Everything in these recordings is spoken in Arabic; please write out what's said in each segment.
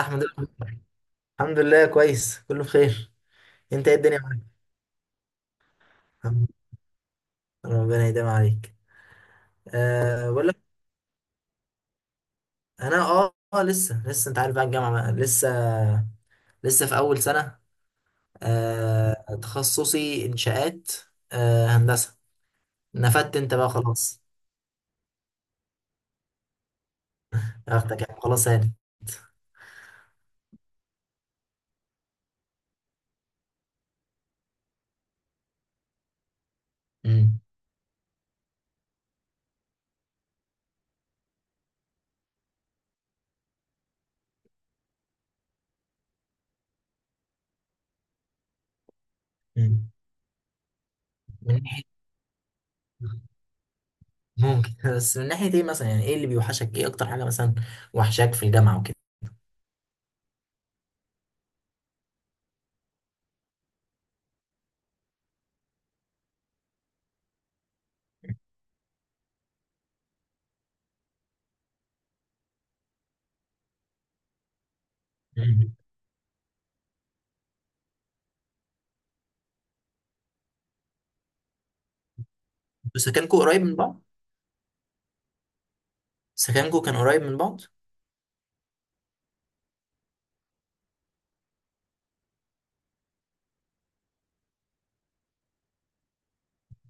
احمد. الحمد لله، كويس، كله بخير. انت ايه الدنيا معاك؟ الحمد لله، ربنا يديم عليك. بقول لك. انا لسه انت عارف بقى الجامعه بقى. لسه في اول سنه. تخصصي انشاءات. هندسه. نفدت انت بقى خلاص. اختك يعني خلاص هانت. مم. مم. من ناحيه. ممكن بس من ناحيه ايه مثلا، يعني ايه اللي بيوحشك، ايه اكتر حاجه مثلا وحشاك في الجامعه وكده؟ مم. سكنكو قريب من بعض؟ سكنكو كان قريب من بعض؟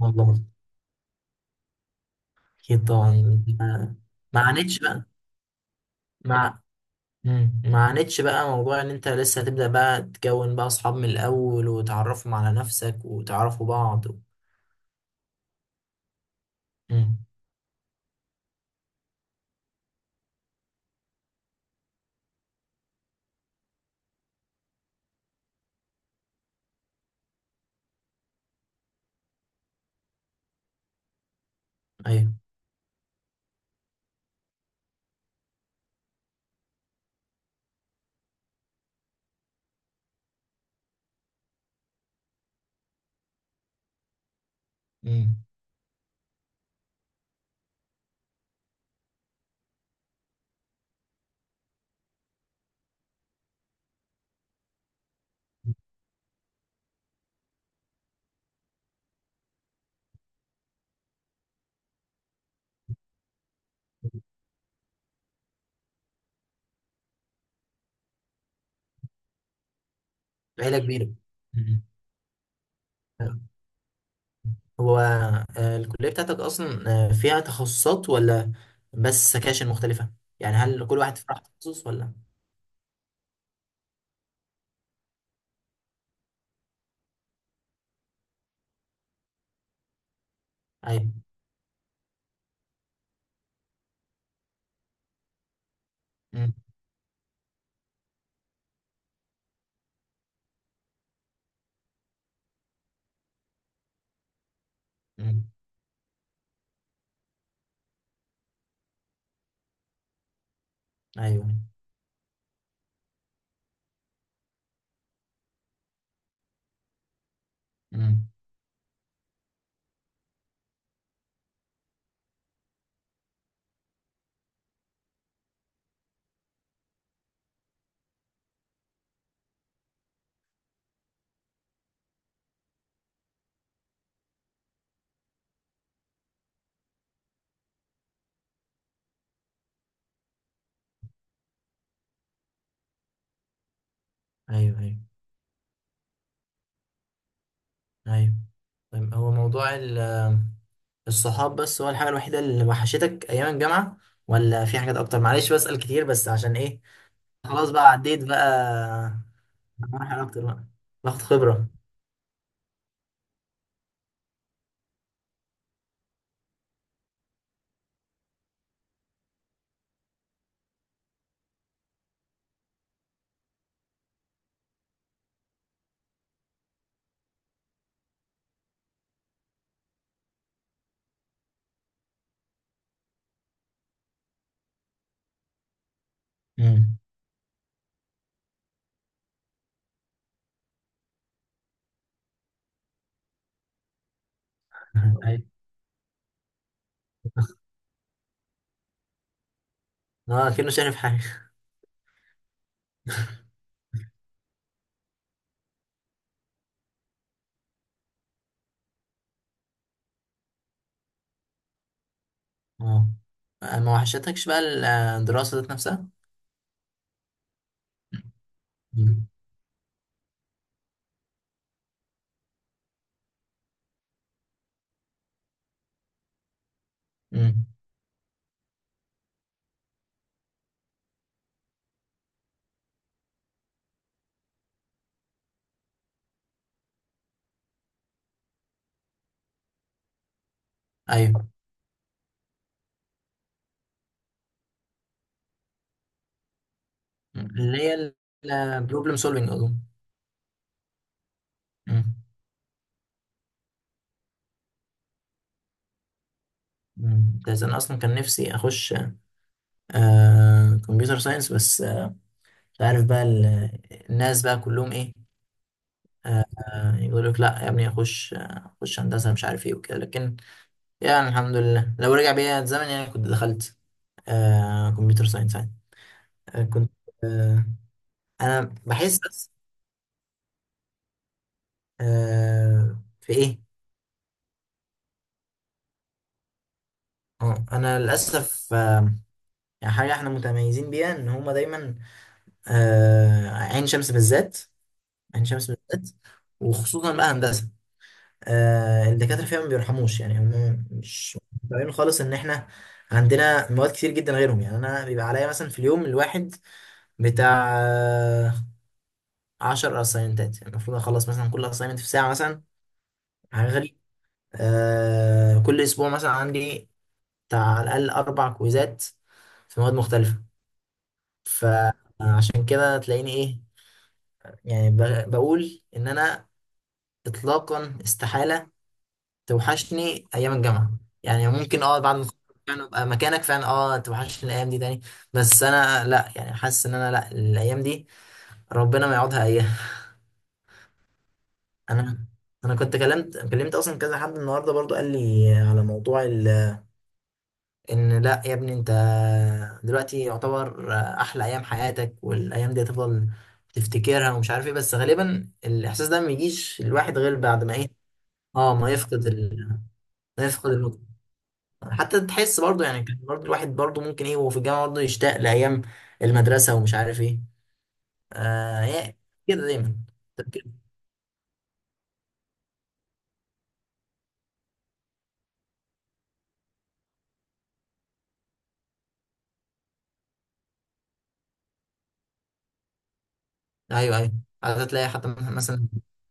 والله. اكيد طبعا. ما. ما عانيتش بقى. ما. مم. ما عانيتش بقى موضوع ان انت لسه هتبدأ بقى تكون بقى اصحاب من الاول، وتعرفهم على نفسك، وتعرفوا بعض و... مم. ايوه. مم. عيلة كبيرة. مم. هو الكلية بتاعتك اصلا فيها تخصصات، ولا بس سكاشن مختلفة؟ يعني هل كل واحد في راحة تخصص ولا؟ ايوه. مم. مم. ايوه. مم. ايوه ايوه. ايوه. طيب، هو موضوع الصحاب بس هو الحاجة الوحيدة اللي وحشتك أيام الجامعة، ولا في حاجات أكتر؟ معلش بسأل كتير بس عشان إيه. خلاص بقى، عديت بقى مراحل أكتر، بقى باخد خبرة. امم. أيوة. أه، أكنه شايف حاجة. أه، ما وحشتكش بقى الدراسة ذات نفسها؟ امم. امم، أيوة. اللي هي البروبلم سولفينج أظن. امم. امم. بس أنا أصلا كان نفسي أخش كمبيوتر ساينس، بس مش عارف بقى الناس بقى كلهم إيه. آه، يقول لك لا يا ابني، اخش هندسه، مش عارف ايه وكده، لكن يعني الحمد لله، لو رجع بيا الزمن يعني كنت دخلت كمبيوتر ساينس يعني. آه كنت آه انا بحس بس في ايه. انا للاسف يعني حاجه احنا متميزين بيها ان هما دايما، عين شمس بالذات. عين شمس بالذات، وخصوصا بقى هندسه، الدكاترة فيها ما بيرحموش. يعني هم مش فاهمين خالص ان احنا عندنا مواد كتير جدا غيرهم. يعني انا بيبقى عليا مثلا في اليوم الواحد بتاع 10 اساينتات، يعني المفروض اخلص مثلا كل اساينمنت في ساعة مثلا. حاجة غريبة. كل اسبوع مثلا عندي بتاع على الاقل اربع كويزات في مواد مختلفة. فعشان كده تلاقيني ايه، يعني بقول ان انا اطلاقا استحالة توحشني ايام الجامعه. يعني ممكن بعد ما أتخرج فعلا ابقى مكانك، فعلا توحشني الايام دي تاني. بس انا لا، يعني حاسس ان انا لا، الايام دي ربنا ما يقعدها اياها. انا انا كنت كلمت اصلا كذا حد النهارده برضو، قال لي على موضوع. ان لا يا ابني انت دلوقتي يعتبر احلى ايام حياتك، والايام دي هتفضل تفتكرها، ومش عارف ايه، بس غالبا الاحساس ده ما يجيش الواحد غير بعد ما ايه. اه، ما يفقد، حتى تحس برضه يعني كان برضه الواحد برضه ممكن ايه، وهو في الجامعة برضه يشتاق لأيام المدرسة، ومش عارف ايه. آه، هي كده دايما تفكير. ايوه ايوه. عاده تلاقي حتى مثلا.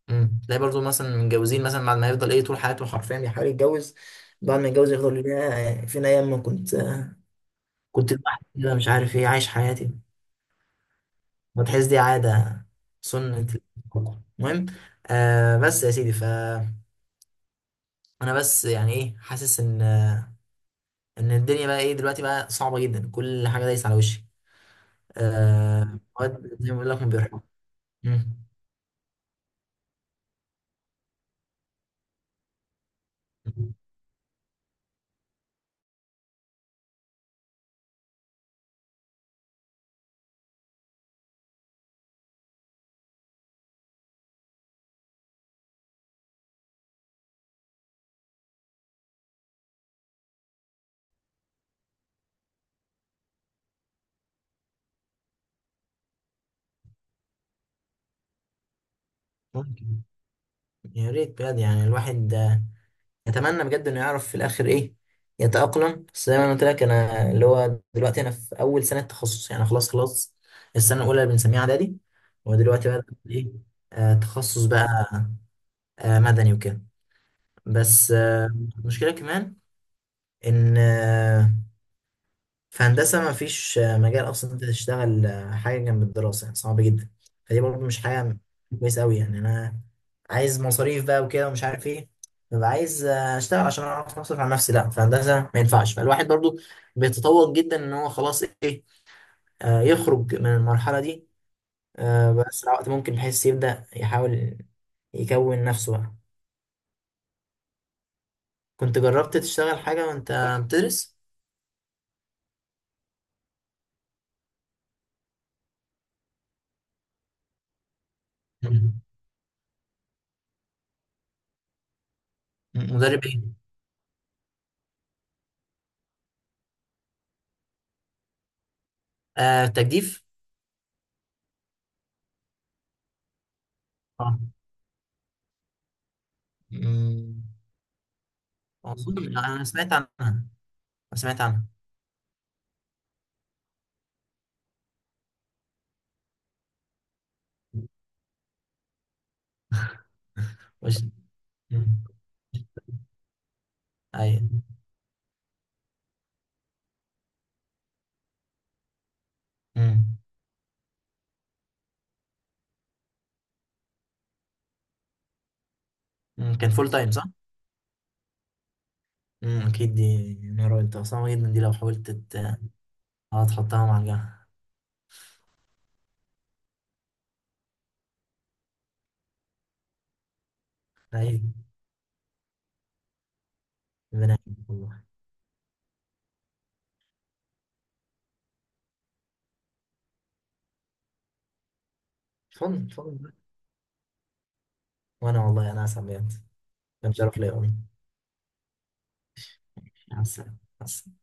تلاقي برضه مثلا متجوزين مثلا، بعد ما يفضل ايه طول حياته حرفيا بيحاول يتجوز، بعد ما يتجوز يفضل يا فين ايام ما كنت لوحدي كده، مش عارف ايه، عايش حياتي. وتحس دي عادة. سنة الكوكو. المهم، آه، بس يا سيدي، فأنا بس يعني ايه، حاسس ان الدنيا بقى ايه دلوقتي، بقى صعبه جدا، كل حاجه دايسه على وشي. آه، مواد زي ما بقول لك، ما بيرحم. مم. ممكن. يا ريت بجد، يعني الواحد يتمنى بجد انه يعرف في الاخر ايه يتأقلم. بس زي ما انا قلت لك، انا اللي هو دلوقتي انا في اول سنه تخصص، يعني خلاص خلاص. السنه الاولى اللي بنسميها اعدادي. ودلوقتي بقى ايه، تخصص بقى مدني وكده، بس. المشكله كمان ان في هندسة ما فيش مجال أصلا أنت تشتغل حاجة جنب الدراسة، يعني صعب جدا. فدي برضه مش حاجة كويسة أوي، يعني أنا عايز مصاريف بقى وكده، ومش عارف إيه، ببقى عايز أشتغل عشان أعرف أصرف على نفسي. لأ، في هندسة ما ينفعش، فالواحد برضه بيتطور جدا، إن هو خلاص إيه، يخرج من المرحلة دي بأسرع وقت ممكن، بحيث يبدأ يحاول يكون نفسه بقى. كنت جربت تشتغل حاجة وأنت بتدرس؟ مم. مدرب إيه؟ تجديف؟ اه. مم. أظن أنا سمعت عنها، أنا سمعت عنها. بس. مم. أيوة. مم. مم. كان فول تايم صح؟ مم. أكيد دي نهار قلت صعبة جدا، دي لو حاولت تحطها مع الجامعة. أيوة. ربنا يعينك والله. فن فن. وأنا والله، أنا أسعد بجد. كان شرف ليا والله. مع السلامة. مع السلامة.